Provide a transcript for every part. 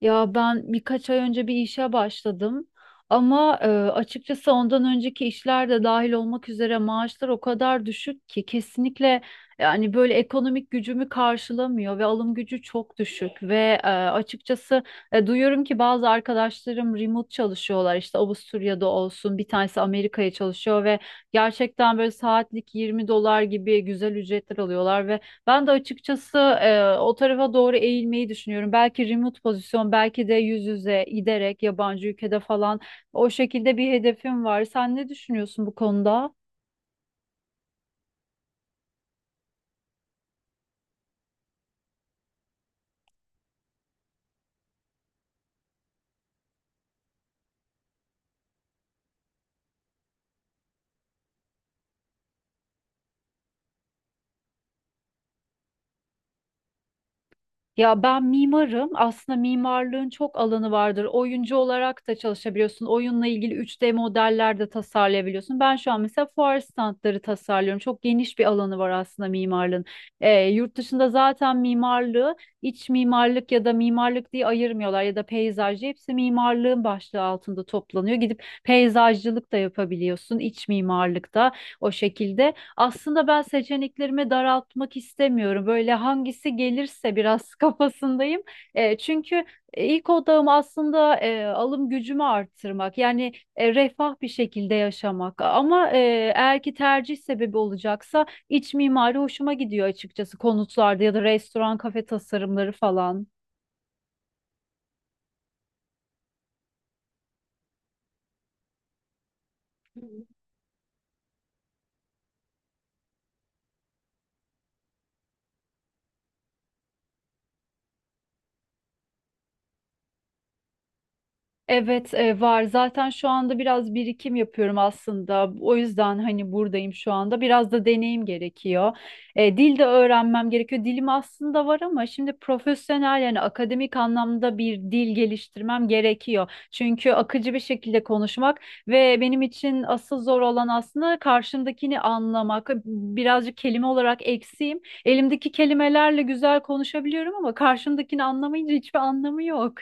Ya ben birkaç ay önce bir işe başladım ama açıkçası ondan önceki işler de dahil olmak üzere maaşlar o kadar düşük ki kesinlikle yani böyle ekonomik gücümü karşılamıyor ve alım gücü çok düşük ve açıkçası duyuyorum ki bazı arkadaşlarım remote çalışıyorlar işte Avusturya'da olsun bir tanesi Amerika'ya çalışıyor ve gerçekten böyle saatlik 20 dolar gibi güzel ücretler alıyorlar ve ben de açıkçası o tarafa doğru eğilmeyi düşünüyorum. Belki remote pozisyon, belki de yüz yüze giderek yabancı ülkede falan o şekilde bir hedefim var. Sen ne düşünüyorsun bu konuda? Ya ben mimarım. Aslında mimarlığın çok alanı vardır. Oyuncu olarak da çalışabiliyorsun. Oyunla ilgili 3D modeller de tasarlayabiliyorsun. Ben şu an mesela fuar standları tasarlıyorum. Çok geniş bir alanı var aslında mimarlığın. Yurt dışında zaten mimarlığı iç mimarlık ya da mimarlık diye ayırmıyorlar ya da peyzajcı. Hepsi mimarlığın başlığı altında toplanıyor. Gidip peyzajcılık da yapabiliyorsun, iç mimarlık da o şekilde. Aslında ben seçeneklerimi daraltmak istemiyorum. Böyle hangisi gelirse biraz kafasındayım. Çünkü ilk odağım aslında alım gücümü arttırmak. Yani refah bir şekilde yaşamak. Ama eğer ki tercih sebebi olacaksa iç mimari hoşuma gidiyor açıkçası konutlarda ya da restoran, kafe tasarımları falan. Evet, var. Zaten şu anda biraz birikim yapıyorum aslında. O yüzden hani buradayım şu anda. Biraz da deneyim gerekiyor. Dil de öğrenmem gerekiyor. Dilim aslında var ama şimdi profesyonel yani akademik anlamda bir dil geliştirmem gerekiyor. Çünkü akıcı bir şekilde konuşmak ve benim için asıl zor olan aslında karşımdakini anlamak. Birazcık kelime olarak eksiğim. Elimdeki kelimelerle güzel konuşabiliyorum ama karşımdakini anlamayınca hiçbir anlamı yok.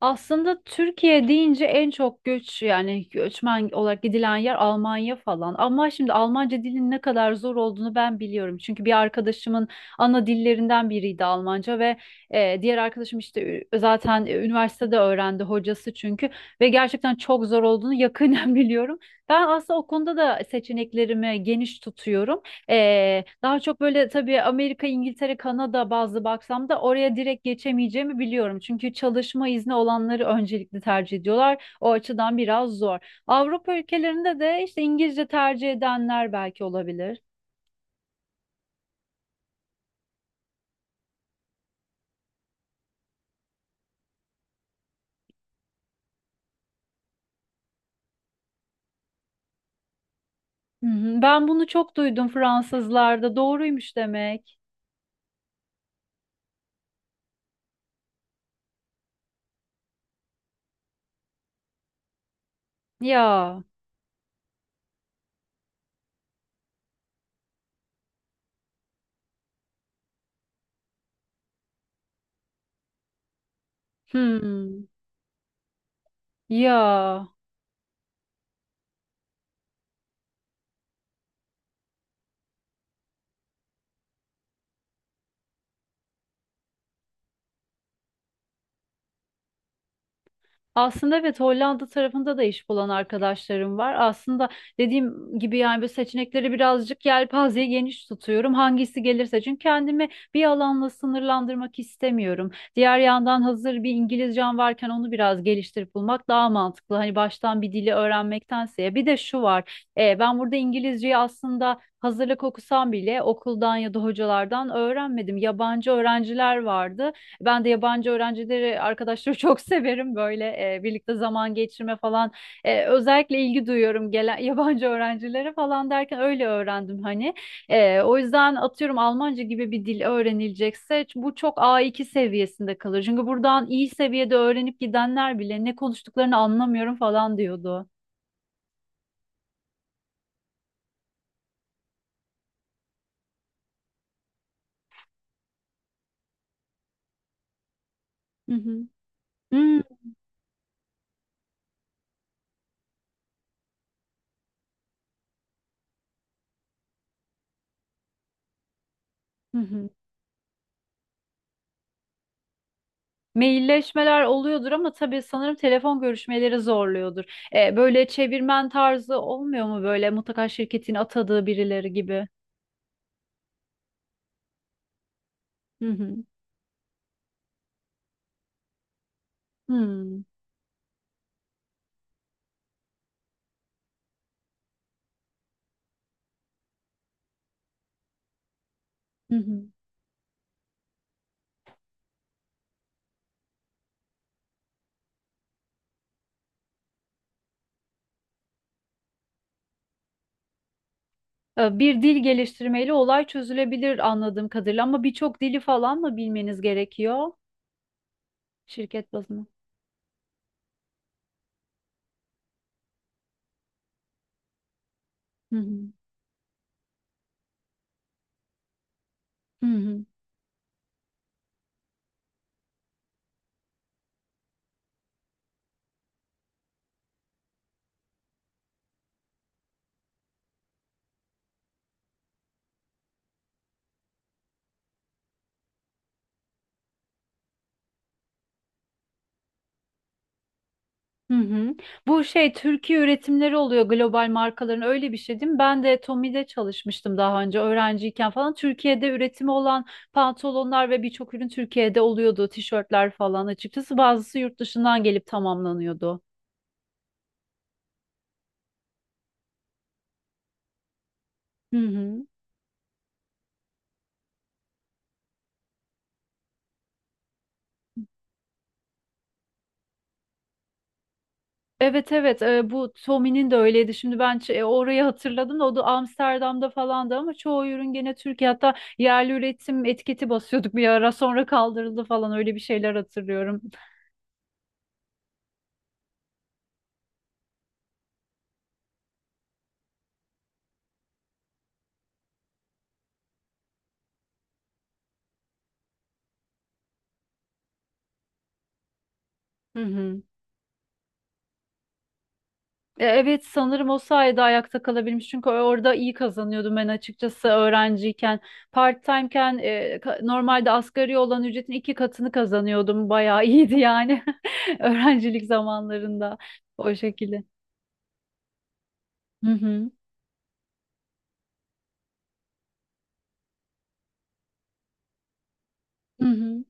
Aslında Türkiye deyince en çok göç yani göçmen olarak gidilen yer Almanya falan. Ama şimdi Almanca dilin ne kadar zor olduğunu ben biliyorum. Çünkü bir arkadaşımın ana dillerinden biriydi Almanca ve diğer arkadaşım işte üniversitede öğrendi hocası çünkü ve gerçekten çok zor olduğunu yakından biliyorum. Ben aslında o konuda da seçeneklerimi geniş tutuyorum. Daha çok böyle tabii Amerika, İngiltere, Kanada bazlı baksam da oraya direkt geçemeyeceğimi biliyorum. Çünkü çalışma izni olanları öncelikli tercih ediyorlar. O açıdan biraz zor. Avrupa ülkelerinde de işte İngilizce tercih edenler belki olabilir. Hı hı. Ben bunu çok duydum Fransızlarda. Doğruymuş demek. Ya. Hmm. Ya. Aslında evet, Hollanda tarafında da iş bulan arkadaşlarım var. Aslında dediğim gibi yani bu seçenekleri birazcık yelpazeye geniş tutuyorum. Hangisi gelirse çünkü kendimi bir alanla sınırlandırmak istemiyorum. Diğer yandan hazır bir İngilizcem varken onu biraz geliştirip bulmak daha mantıklı. Hani baştan bir dili öğrenmektense. Bir de şu var. Ben burada İngilizceyi aslında hazırlık okusam bile okuldan ya da hocalardan öğrenmedim. Yabancı öğrenciler vardı. Ben de yabancı öğrencileri, arkadaşları çok severim böyle birlikte zaman geçirme falan. Özellikle ilgi duyuyorum gelen yabancı öğrencilere falan derken öyle öğrendim hani. O yüzden atıyorum Almanca gibi bir dil öğrenilecekse bu çok A2 seviyesinde kalır. Çünkü buradan iyi seviyede öğrenip gidenler bile ne konuştuklarını anlamıyorum falan diyordu. Hı hı. Hı hı. Hı hı. Mailleşmeler oluyordur ama tabii sanırım telefon görüşmeleri zorluyordur. Böyle çevirmen tarzı olmuyor mu böyle mutlaka şirketin atadığı birileri gibi? Hı hı. Hmm. Hı hı. Bir dil geliştirmeyle olay çözülebilir anladığım kadarıyla ama birçok dili falan mı bilmeniz gerekiyor şirket bazında? Hı hı. Hı hı. Hı hı. Bu şey Türkiye üretimleri oluyor global markaların, öyle bir şey değil mi? Ben de Tommy'de çalışmıştım daha önce öğrenciyken falan. Türkiye'de üretimi olan pantolonlar ve birçok ürün Türkiye'de oluyordu. Tişörtler falan açıkçası bazısı yurt dışından gelip tamamlanıyordu. Hı hı. Evet, evet, bu Tommy'nin de öyleydi. Şimdi ben orayı hatırladım da o da Amsterdam'da falandı ama çoğu ürün gene Türkiye, hatta yerli üretim etiketi basıyorduk bir ara, sonra kaldırıldı falan öyle bir şeyler hatırlıyorum. Hı hı. Evet, sanırım o sayede ayakta kalabilmiş çünkü orada iyi kazanıyordum ben açıkçası öğrenciyken part-time'ken normalde asgari olan ücretin 2 katını kazanıyordum, bayağı iyiydi yani öğrencilik zamanlarında o şekilde. Hı hı. Hı hı.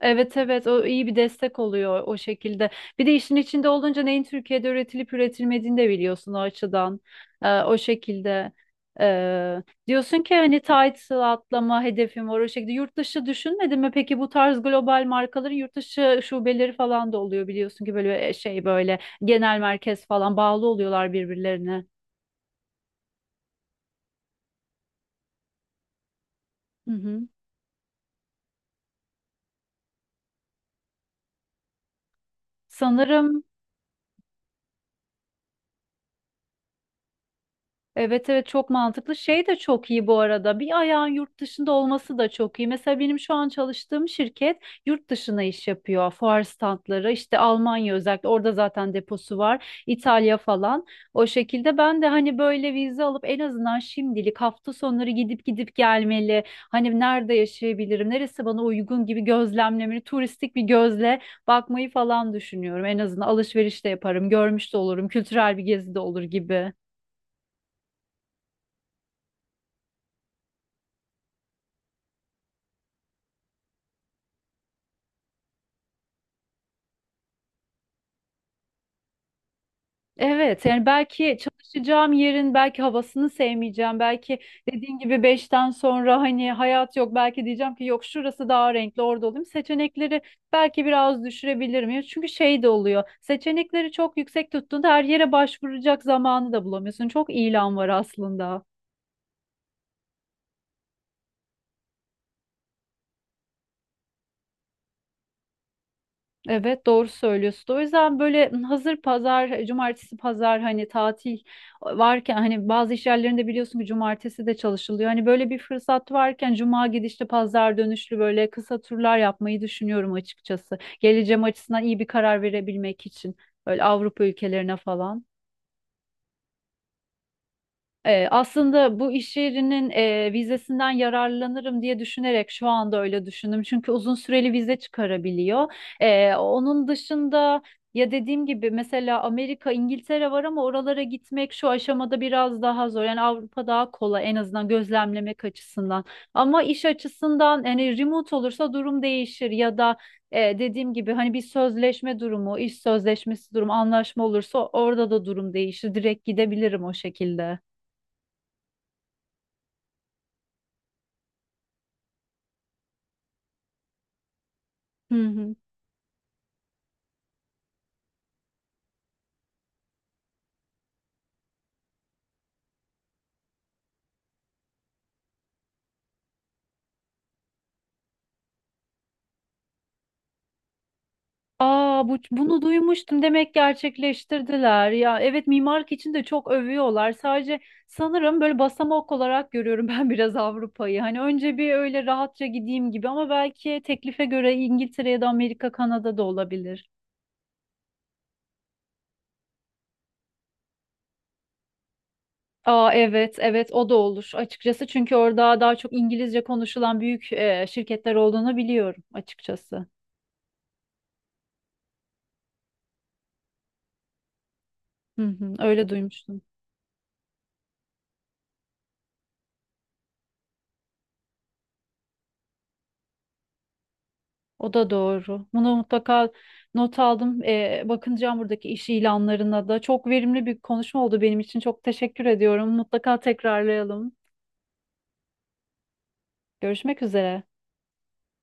Evet, evet, o iyi bir destek oluyor o şekilde. Bir de işin içinde olunca neyin Türkiye'de üretilip üretilmediğini de biliyorsun o açıdan. O şekilde ee, diyorsun ki hani title atlama hedefim var o şekilde. Yurt dışı düşünmedin mi? Peki bu tarz global markaların yurt dışı şubeleri falan da oluyor biliyorsun ki böyle böyle genel merkez falan, bağlı oluyorlar birbirlerine. Hı hı. Sanırım evet, evet, çok mantıklı. Şey de çok iyi bu arada. Bir ayağın yurt dışında olması da çok iyi. Mesela benim şu an çalıştığım şirket yurt dışına iş yapıyor. Fuar standları işte Almanya, özellikle orada zaten deposu var. İtalya falan. O şekilde ben de hani böyle vize alıp en azından şimdilik hafta sonları gidip gidip gelmeli. Hani nerede yaşayabilirim? Neresi bana uygun gibi gözlemlemeli. Turistik bir gözle bakmayı falan düşünüyorum. En azından alışveriş de yaparım. Görmüş de olurum. Kültürel bir gezi de olur gibi. Evet yani belki çalışacağım yerin belki havasını sevmeyeceğim. Belki dediğin gibi beşten sonra hani hayat yok. Belki diyeceğim ki yok, şurası daha renkli, orada olayım. Seçenekleri belki biraz düşürebilirim. Ya çünkü şey de oluyor. Seçenekleri çok yüksek tuttuğunda her yere başvuracak zamanı da bulamıyorsun. Çok ilan var aslında. Evet, doğru söylüyorsun. O yüzden böyle hazır pazar, cumartesi pazar hani tatil varken, hani bazı iş yerlerinde biliyorsun ki cumartesi de çalışılıyor. Hani böyle bir fırsat varken cuma gidişli pazar dönüşlü böyle kısa turlar yapmayı düşünüyorum açıkçası. Geleceğim açısından iyi bir karar verebilmek için böyle Avrupa ülkelerine falan. Aslında bu iş yerinin vizesinden yararlanırım diye düşünerek şu anda öyle düşündüm. Çünkü uzun süreli vize çıkarabiliyor. Onun dışında ya dediğim gibi mesela Amerika, İngiltere var ama oralara gitmek şu aşamada biraz daha zor. Yani Avrupa daha kolay, en azından gözlemlemek açısından. Ama iş açısından yani remote olursa durum değişir ya da dediğim gibi hani bir sözleşme durumu, iş sözleşmesi durumu, anlaşma olursa orada da durum değişir. Direkt gidebilirim o şekilde. Hı hı. Aa, bunu duymuştum. Demek gerçekleştirdiler. Ya evet, mimarlık için de çok övüyorlar. Sadece sanırım böyle basamak olarak görüyorum ben biraz Avrupa'yı. Hani önce bir öyle rahatça gideyim gibi ama belki teklife göre İngiltere ya da Amerika, Kanada da olabilir. Aa evet, evet, o da olur açıkçası. Çünkü orada daha çok İngilizce konuşulan büyük şirketler olduğunu biliyorum açıkçası. Hı hı, öyle duymuştum. O da doğru. Bunu mutlaka not aldım. Bakınacağım buradaki iş ilanlarına da. Çok verimli bir konuşma oldu benim için. Çok teşekkür ediyorum. Mutlaka tekrarlayalım. Görüşmek üzere.